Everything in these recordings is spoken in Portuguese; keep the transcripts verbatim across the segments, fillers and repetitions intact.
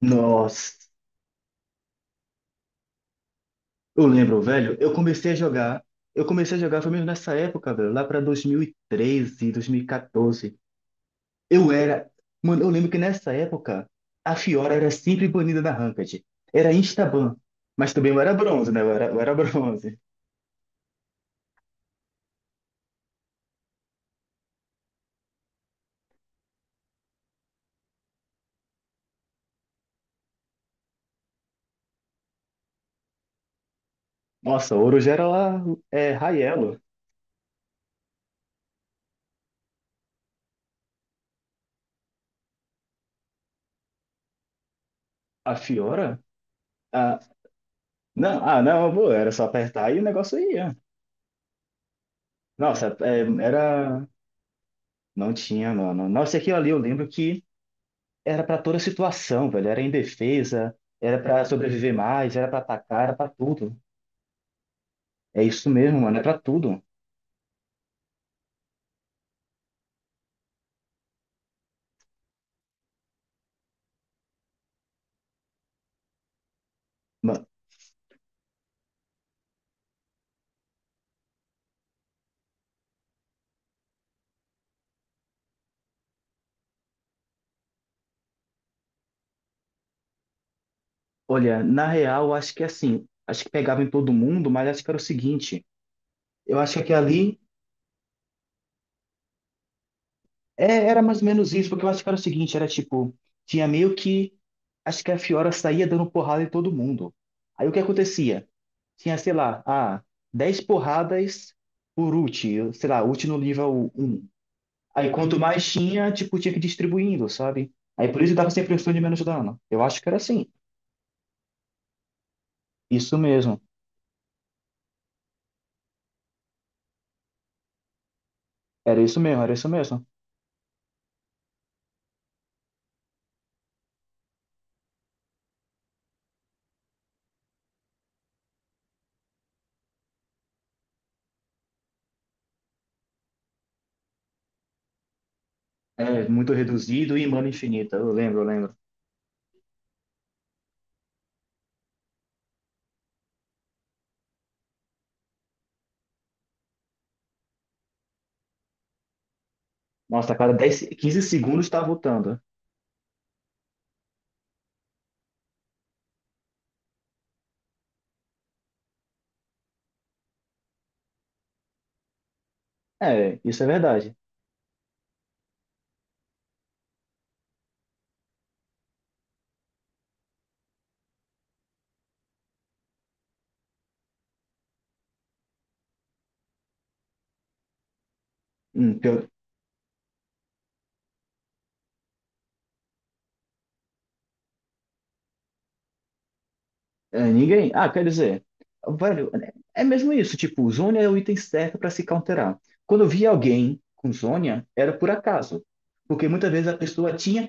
Nossa, eu lembro, velho. Eu comecei a jogar. Eu comecei a jogar foi mesmo nessa época, velho, lá pra dois mil e dois mil e quatorze. Eu era. Mano, eu lembro que nessa época a Fiora era sempre banida da Ranked. Era Instaban. Mas também eu era bronze, né? Eu era, eu era bronze. Nossa, ouro já era lá, é, high. A Fiora? Ah, não, ah, não, pô, era só apertar e o negócio ia. Nossa, é, era. Não tinha, mano. Nossa, aqui ali eu lembro era pra toda situação, velho. Era indefesa, era pra sobreviver mais, era pra atacar, era pra tudo. É isso mesmo, mano, é pra tudo. Ma- Olha, na real, eu acho que assim, acho que pegava em todo mundo, mas acho que era o seguinte, eu acho que aquilo ali é, era mais ou menos isso, porque eu acho que era o seguinte, era tipo, tinha meio que, acho que a Fiora saía dando porrada em todo mundo. Aí o que acontecia? Tinha, sei lá, ah, dez porradas por ult, sei lá, ult no nível um. Aí quanto mais tinha, tipo, tinha que ir distribuindo, sabe? Aí por isso dava sempre um estudo de menos dano. Eu acho que era assim. Isso mesmo. Era isso mesmo, era isso mesmo. É, muito reduzido e mana infinita. Eu lembro, eu lembro. Nossa, a cada dez, quinze segundos tá voltando. É, isso é verdade. Hum, pior- é, ninguém. Ah, quer dizer, velho, é é mesmo isso. Tipo, Zhonya é o item certo pra se counterar. Quando eu via alguém com Zhonya, era por acaso. Porque muitas vezes a pessoa tinha.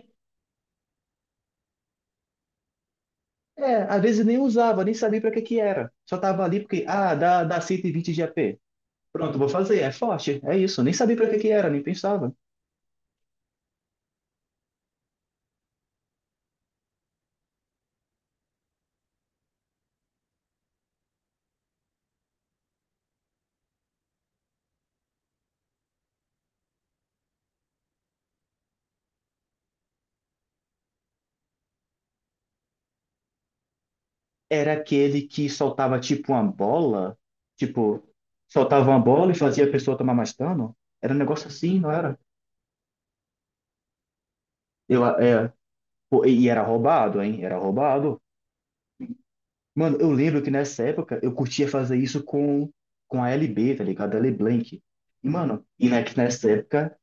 É, às vezes nem usava, nem sabia para que que era. Só tava ali porque, ah, dá, dá cento e vinte de A P. Pronto, vou fazer, é forte, é isso. Nem sabia para que que era, nem pensava. Era aquele que soltava tipo uma bola, tipo, soltava uma bola e fazia a pessoa tomar mais dano. Era um negócio assim, não era? Eu, é, pô, e e era roubado, hein? Era roubado. Mano, eu lembro que nessa época eu curtia fazer isso com, com a L B, tá ligado? A LeBlanc. E, mano, e na- nessa época,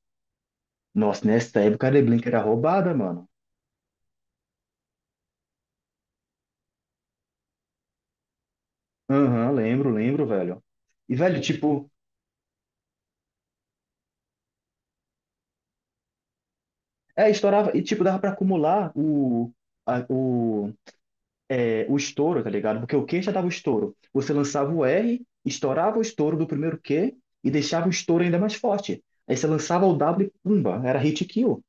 nossa, nessa época a LeBlanc era roubada, mano. Aham, lembro, lembro, velho. E, velho, tipo, é, estourava, e, tipo, dava pra acumular o, a- o, é, o estouro, tá ligado? Porque o Q já dava o estouro. Você lançava o R, estourava o estouro do primeiro Q e deixava o estouro ainda mais forte. Aí você lançava o W e pumba, era hit kill.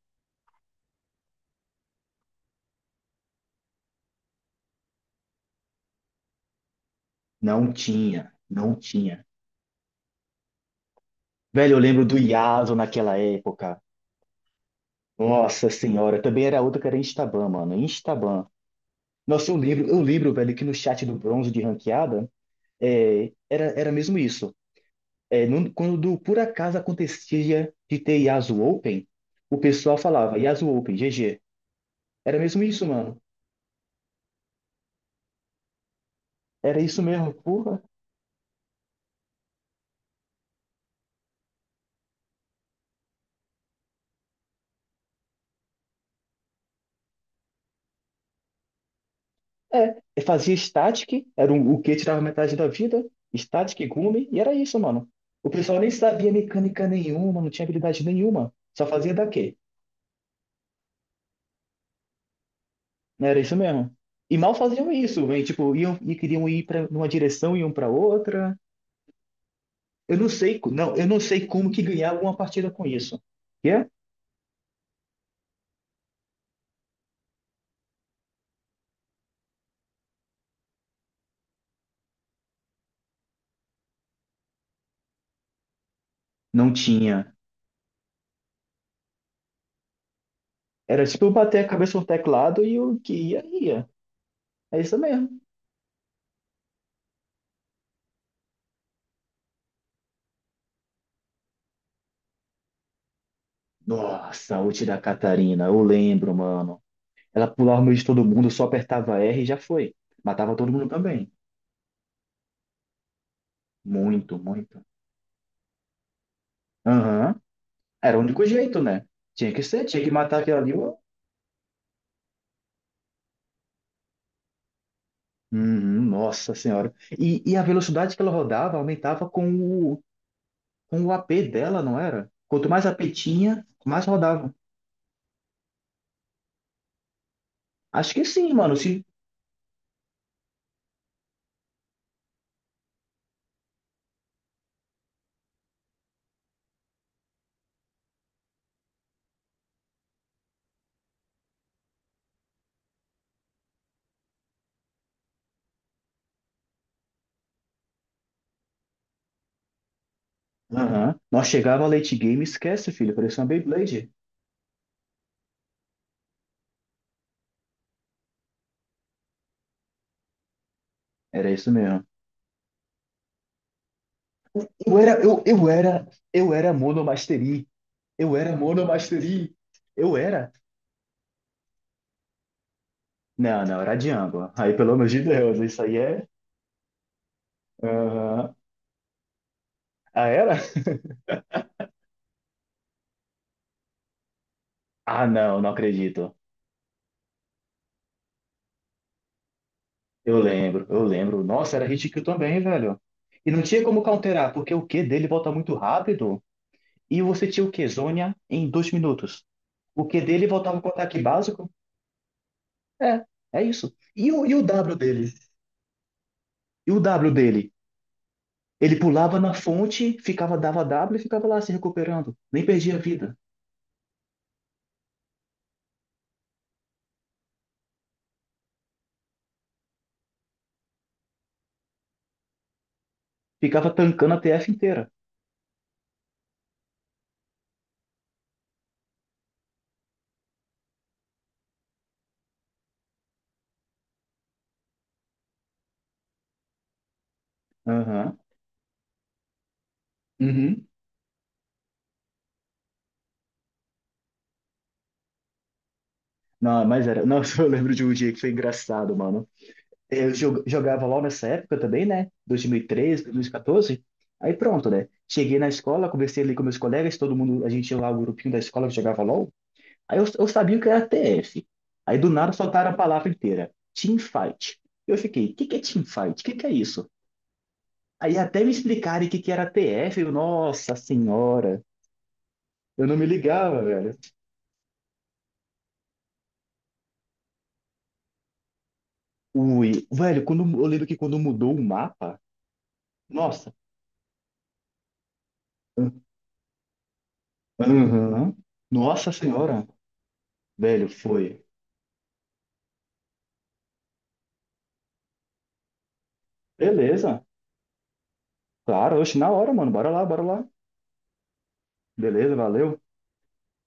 Não tinha, não tinha. Velho, eu lembro do Yasuo naquela época. Nossa senhora, também era outra que era Instaban, mano, Instaban. Nossa, eu lembro, eu lembro, velho, que no chat do bronze de ranqueada, é, era, era mesmo isso. É, não- quando por acaso acontecia de ter Yasuo Open, o pessoal falava Yasuo Open, G G. Era mesmo isso, mano. Era isso mesmo, porra. É, eu fazia static, era um, o que tirava metade da vida, static, gume, e era isso, mano. O pessoal nem sabia mecânica nenhuma, não tinha habilidade nenhuma, só fazia daqui. Não era isso mesmo. E mal faziam isso, velho. Tipo, iam e queriam ir para uma direção, iam para outra. Eu não sei, co- não, eu não sei como que ganhava uma partida com isso. Que é? Não tinha. Era tipo eu bater a cabeça no teclado e o que ia, ia. É isso mesmo. Nossa, a ult da Catarina, eu lembro, mano. Ela pulava no meio de todo mundo, só apertava R e já foi. Matava todo mundo também. Muito, muito. Aham. Era o único jeito, né? Tinha que ser, tinha que matar aquilo ali, ó. Uhum, nossa senhora. E, e a velocidade que ela rodava aumentava com o, com o A P dela, não era? Quanto mais A P tinha, mais rodava. Acho que sim, mano, se. Aham. Nós chegava a late game, esquece, filho, parecia uma Beyblade. Era isso mesmo. Eu era, eu, eu era, eu era Monomastery. Eu era Monomastery. Eu era. Não, não, era Django. Aí, pelo amor de Deus, isso aí é. Aham. Ah, era? Ah, não, não acredito. Eu lembro, eu lembro. Nossa, era hit kill também, velho. E não tinha como counterar, porque o Q dele volta muito rápido. E você tinha o Q-Zônia em dois minutos. O Q dele voltava com o ataque básico. É, é isso. E o, e o W dele? E o W dele? Ele pulava na fonte, ficava, dava W e ficava lá se recuperando. Nem perdia a vida. Ficava tancando a T F inteira. Aham. Uhum. Não, mas era. Nossa, eu lembro de um dia que foi engraçado, mano. Eu jo- jogava LOL nessa época também, né? dois dois mil mil e treze, dois mil e dois mil e quatorze. Aí pronto, né? Cheguei na escola, conversei ali com meus colegas, todo mundo, a gente tinha lá o grupinho da escola que jogava LOL. Aí eu, eu sabia o que era T F. Aí do nada soltaram a palavra inteira. Teamfight. Eu fiquei, o que que é teamfight? O que que é isso? Aí até me explicarem o que que era T F, eu, nossa senhora, eu não me ligava, velho. Ui, velho, quando, eu lembro que quando mudou o mapa, nossa, aham, nossa senhora, velho, foi. Beleza, claro, oxe, na hora, mano, bora lá, bora lá. Beleza, valeu.